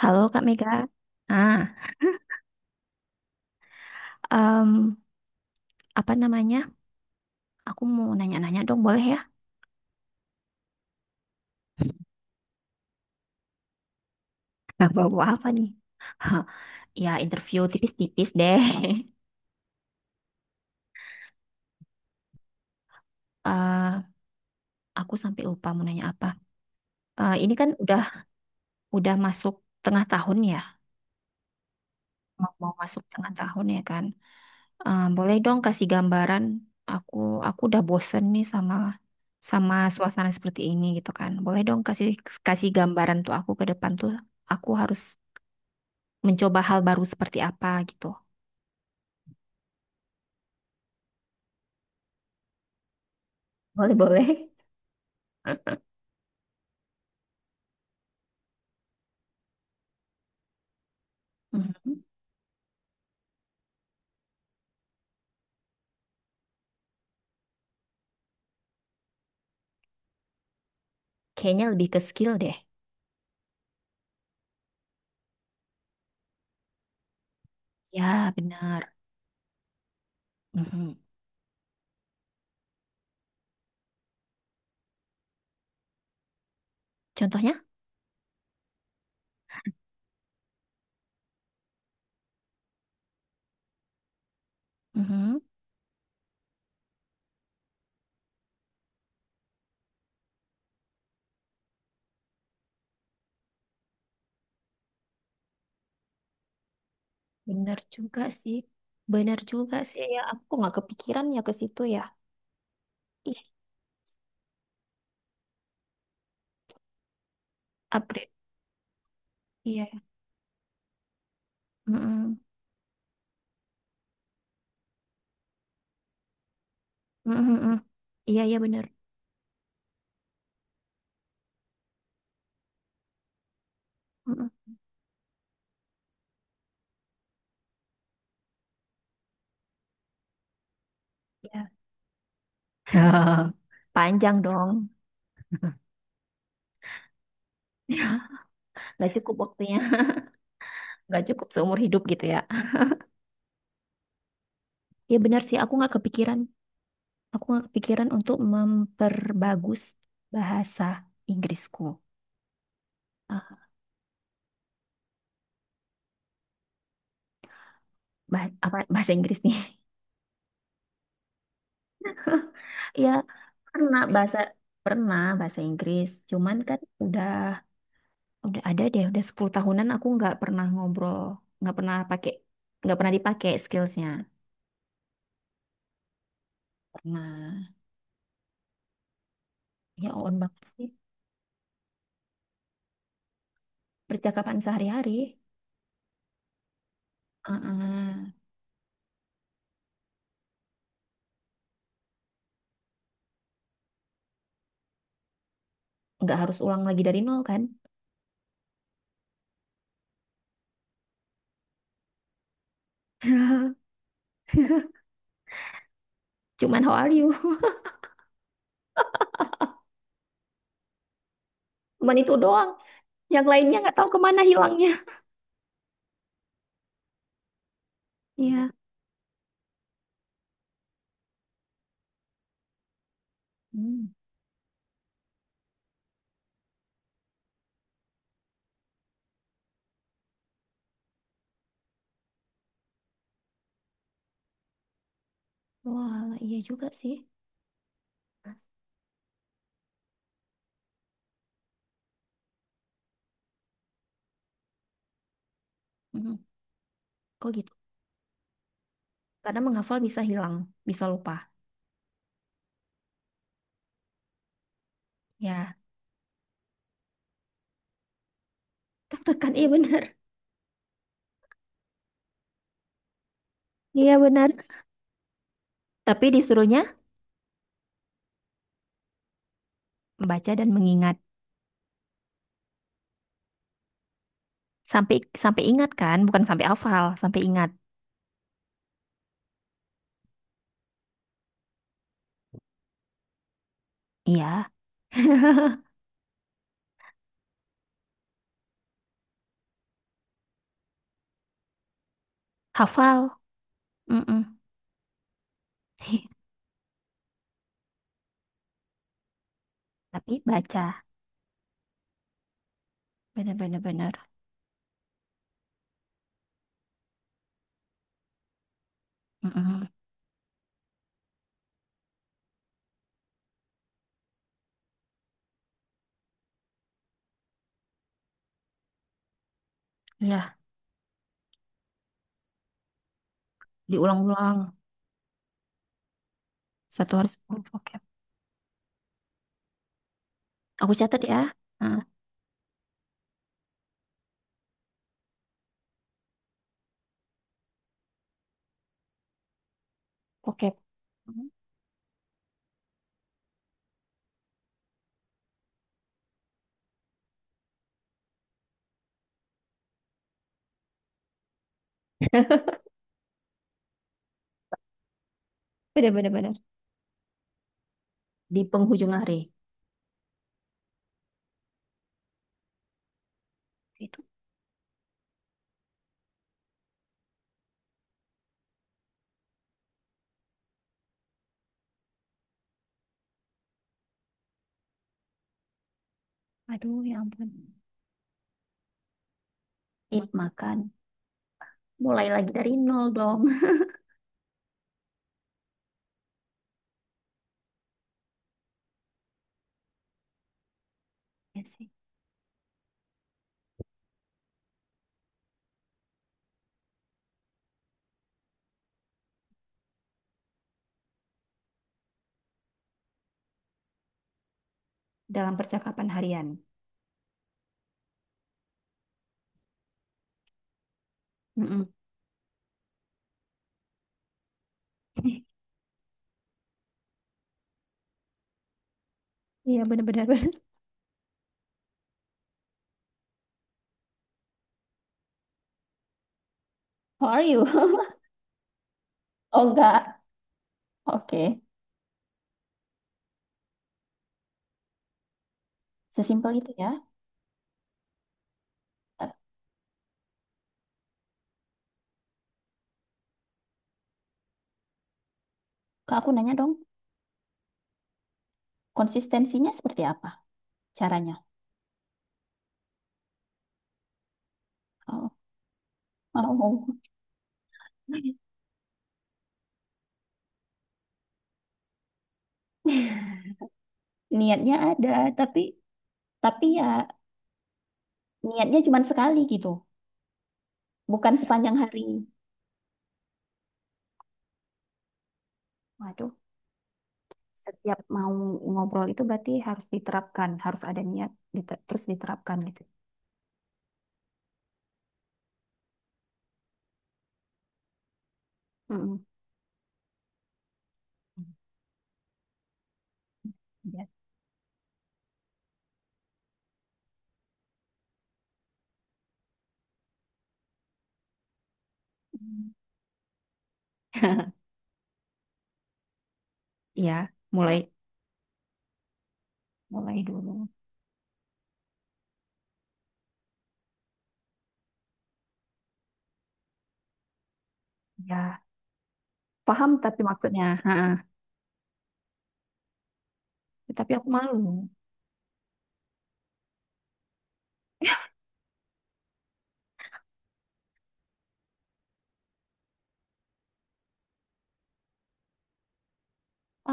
Halo Kak Mega. Ah. Em, Apa namanya? Aku mau nanya-nanya dong, boleh ya? Nah, bawa apa nih? Hah, ya interview tipis-tipis deh. Eh, aku sampai lupa mau nanya apa. Eh, ini kan udah masuk tengah tahun ya, mau masuk tengah tahun ya, kan? Eh, boleh dong kasih gambaran. Aku aku udah bosen nih sama sama suasana seperti ini gitu, kan. Boleh dong kasih kasih gambaran tuh aku ke depan tuh. Aku harus mencoba hal baru seperti apa gitu. Boleh-boleh. Mhm. Kayaknya lebih ke skill deh. Ya, benar. Mhm. Contohnya? Mhm. Benar juga sih. Benar juga sih, ya. Aku nggak kepikiran ya ke situ ya. Ih, upgrade. Iya. Mhm. Mhm, mhm. Iya, iya benar. Mhm. Ya. Panjang dong. Nggak cukup waktunya. Nggak cukup seumur hidup gitu ya. Ya benar sih, aku nggak kepikiran. Aku kepikiran untuk memperbagus bahasa Inggrisku. Ah, apa bahasa Inggris nih? Ya, pernah bahasa pernah bahasa Inggris. Cuman kan udah ada deh, udah 10 tahunan aku nggak pernah ngobrol, nggak pernah pakai, nggak pernah dipakai skillsnya. Pernah. Ya on banget sih. Percakapan sehari-hari. Ah, nggak harus ulang lagi dari nol, kan? Cuman how are you? Cuman itu doang. Yang lainnya nggak tahu kemana hilangnya. Iya. Hmm. Wah, iya juga sih. Mhm. Kok gitu? Karena menghafal bisa hilang, bisa lupa. Ya, tekan iya benar. Iya benar. Tapi disuruhnya membaca dan mengingat. Sampai sampai ingat kan, bukan sampai hafal, sampai ingat. Iya, hafal. Mm-mm. Tapi baca. Benar-benar benar. Benar, benar. Mm-mm. Iya, diulang-ulang. Satu hari 10 vocab. Aku catat ya. Nah, vocab. Benar-benar benar. Benar, benar. Benar. Di penghujung hari. Itu. Aduh, ya ampun. Eat, makan. Mulai lagi dari nol dong. Iya sih. Dalam percakapan harian. Mm-mm. Iya benar-benar benar. How are you? Oh enggak. Oke. Sesimpel itu ya. Eh, Kak, aku nanya dong, konsistensinya seperti apa caranya? Oh, oh. Niatnya ada, tapi tapi ya niatnya cuma sekali gitu, bukan sepanjang hari. Waduh. Setiap mau ngobrol itu berarti harus diterapkan, harus ada niat, terus diterapkan gitu. Mm-mm. Hmm, ya. Iya, mulai mulai dulu. Ya, paham tapi maksudnya. Ha, tapi aku malu.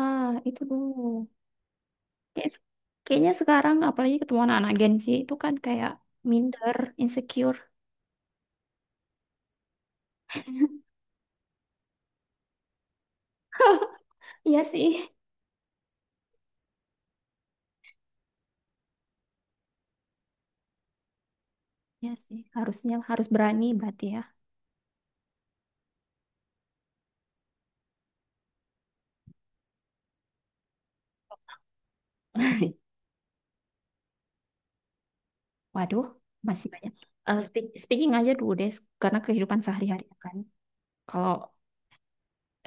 Ah, itu dulu. Kayak, kayaknya sekarang apalagi ketemu anak-anak Gen Z itu kan kayak minder, insecure. Iya sih. Iya sih, harusnya harus berani berarti ya. Waduh, masih banyak. Eh, speaking aja dulu deh, karena kehidupan sehari-hari ya, kan. Kalau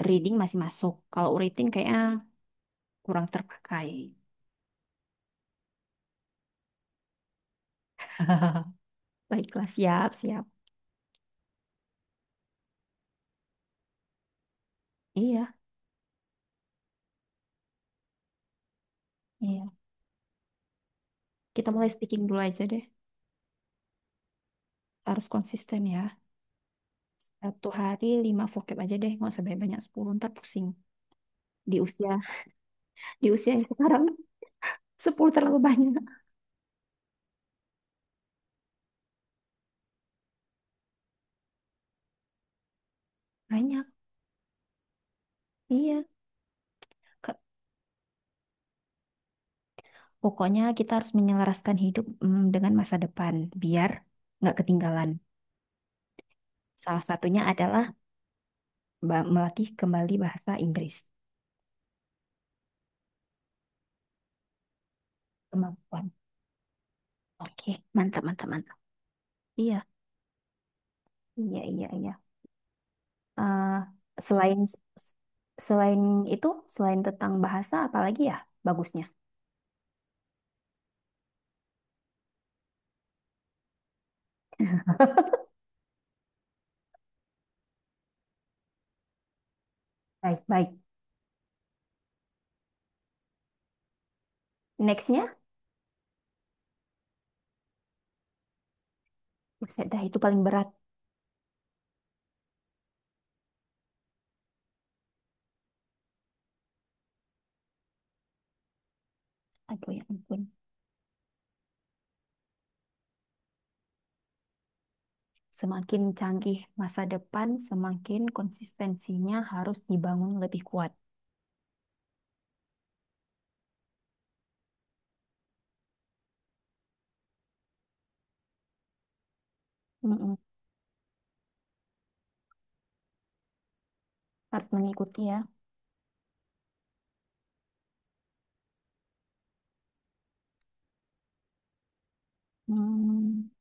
reading masih masuk, kalau writing kayaknya kurang terpakai. Baiklah, siap, siap. Iya, iya. Kita mulai speaking dulu aja deh. Harus konsisten ya. Satu hari lima vocab aja deh. Nggak usah banyak-banyak. 10 ntar pusing. Di usia, di usia yang sekarang 10 terlalu banyak. Banyak. Iya. Ke- Pokoknya kita harus menyelaraskan hidup dengan masa depan. Biar nggak ketinggalan. Salah satunya adalah melatih kembali bahasa Inggris. Kemampuan. Oke. Mantap, mantap, mantap. Iya. Iya, iya, iya. eh selain selain itu, selain tentang bahasa, apalagi ya bagusnya? Baik, baik. Nextnya, buset dah itu paling berat. Aduh ya ampun. Semakin canggih masa depan, semakin konsistensinya harus dibangun lebih kuat. Mm-mm. Harus mengikuti ya. Hmm,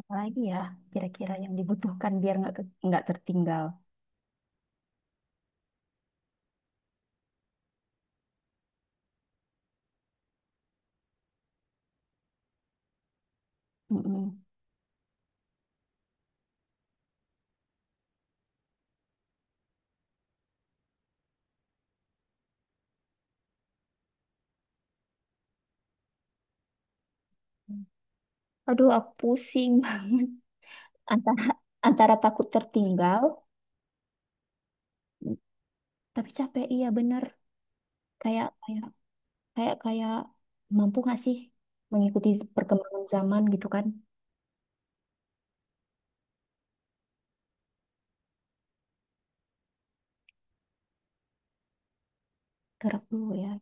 apalagi ya kira-kira yang dibutuhkan biar nggak tertinggal. Mm-mm. Aduh, aku pusing banget antara antara takut tertinggal, tapi capek. Iya bener. Kayak kayak kayak kayak mampu nggak sih mengikuti perkembangan zaman gitu, kan. Gerak dulu ya,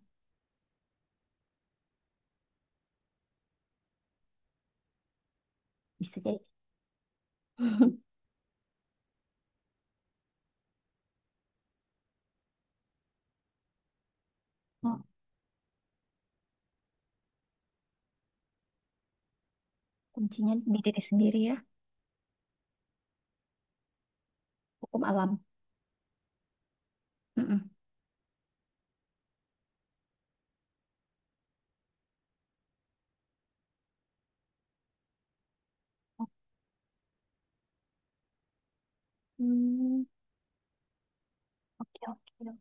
bisa jadi. Oh, kuncinya di diri sendiri ya. Hukum alam. Mm-mm. Hmm, oke oke oke.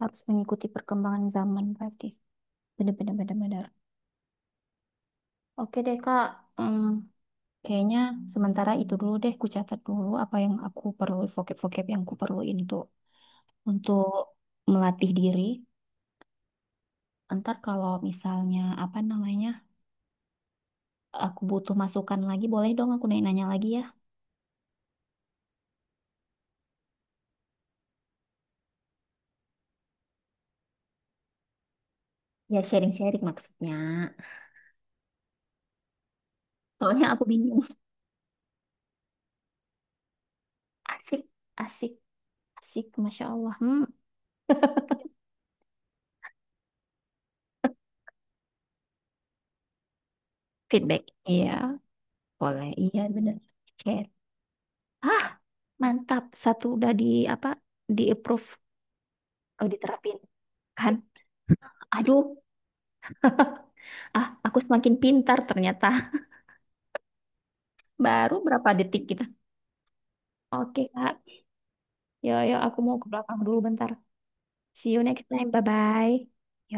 Harus mengikuti perkembangan zaman berarti benar-benar oke deh, Kak. Hmm, kayaknya sementara itu dulu, deh ku catat dulu apa yang aku perlu, vocab-vocab yang ku perluin tuh untuk melatih diri. Ntar kalau misalnya apa namanya, aku butuh masukan lagi. Boleh dong aku nanya-nanya lagi ya? Ya sharing-sharing maksudnya. Soalnya aku bingung. Asik, asik, asik. Masya Allah. Hmm, feedback. Iya, boleh. Iya, bener. Share. Hah, mantap. Satu udah di apa? Di approve. Oh, diterapin. Kan? Aduh, ah, aku semakin pintar ternyata. Baru berapa detik kita. Oke, Kak. Yo, yo, aku mau ke belakang dulu bentar. See you next time. Bye-bye. Yo.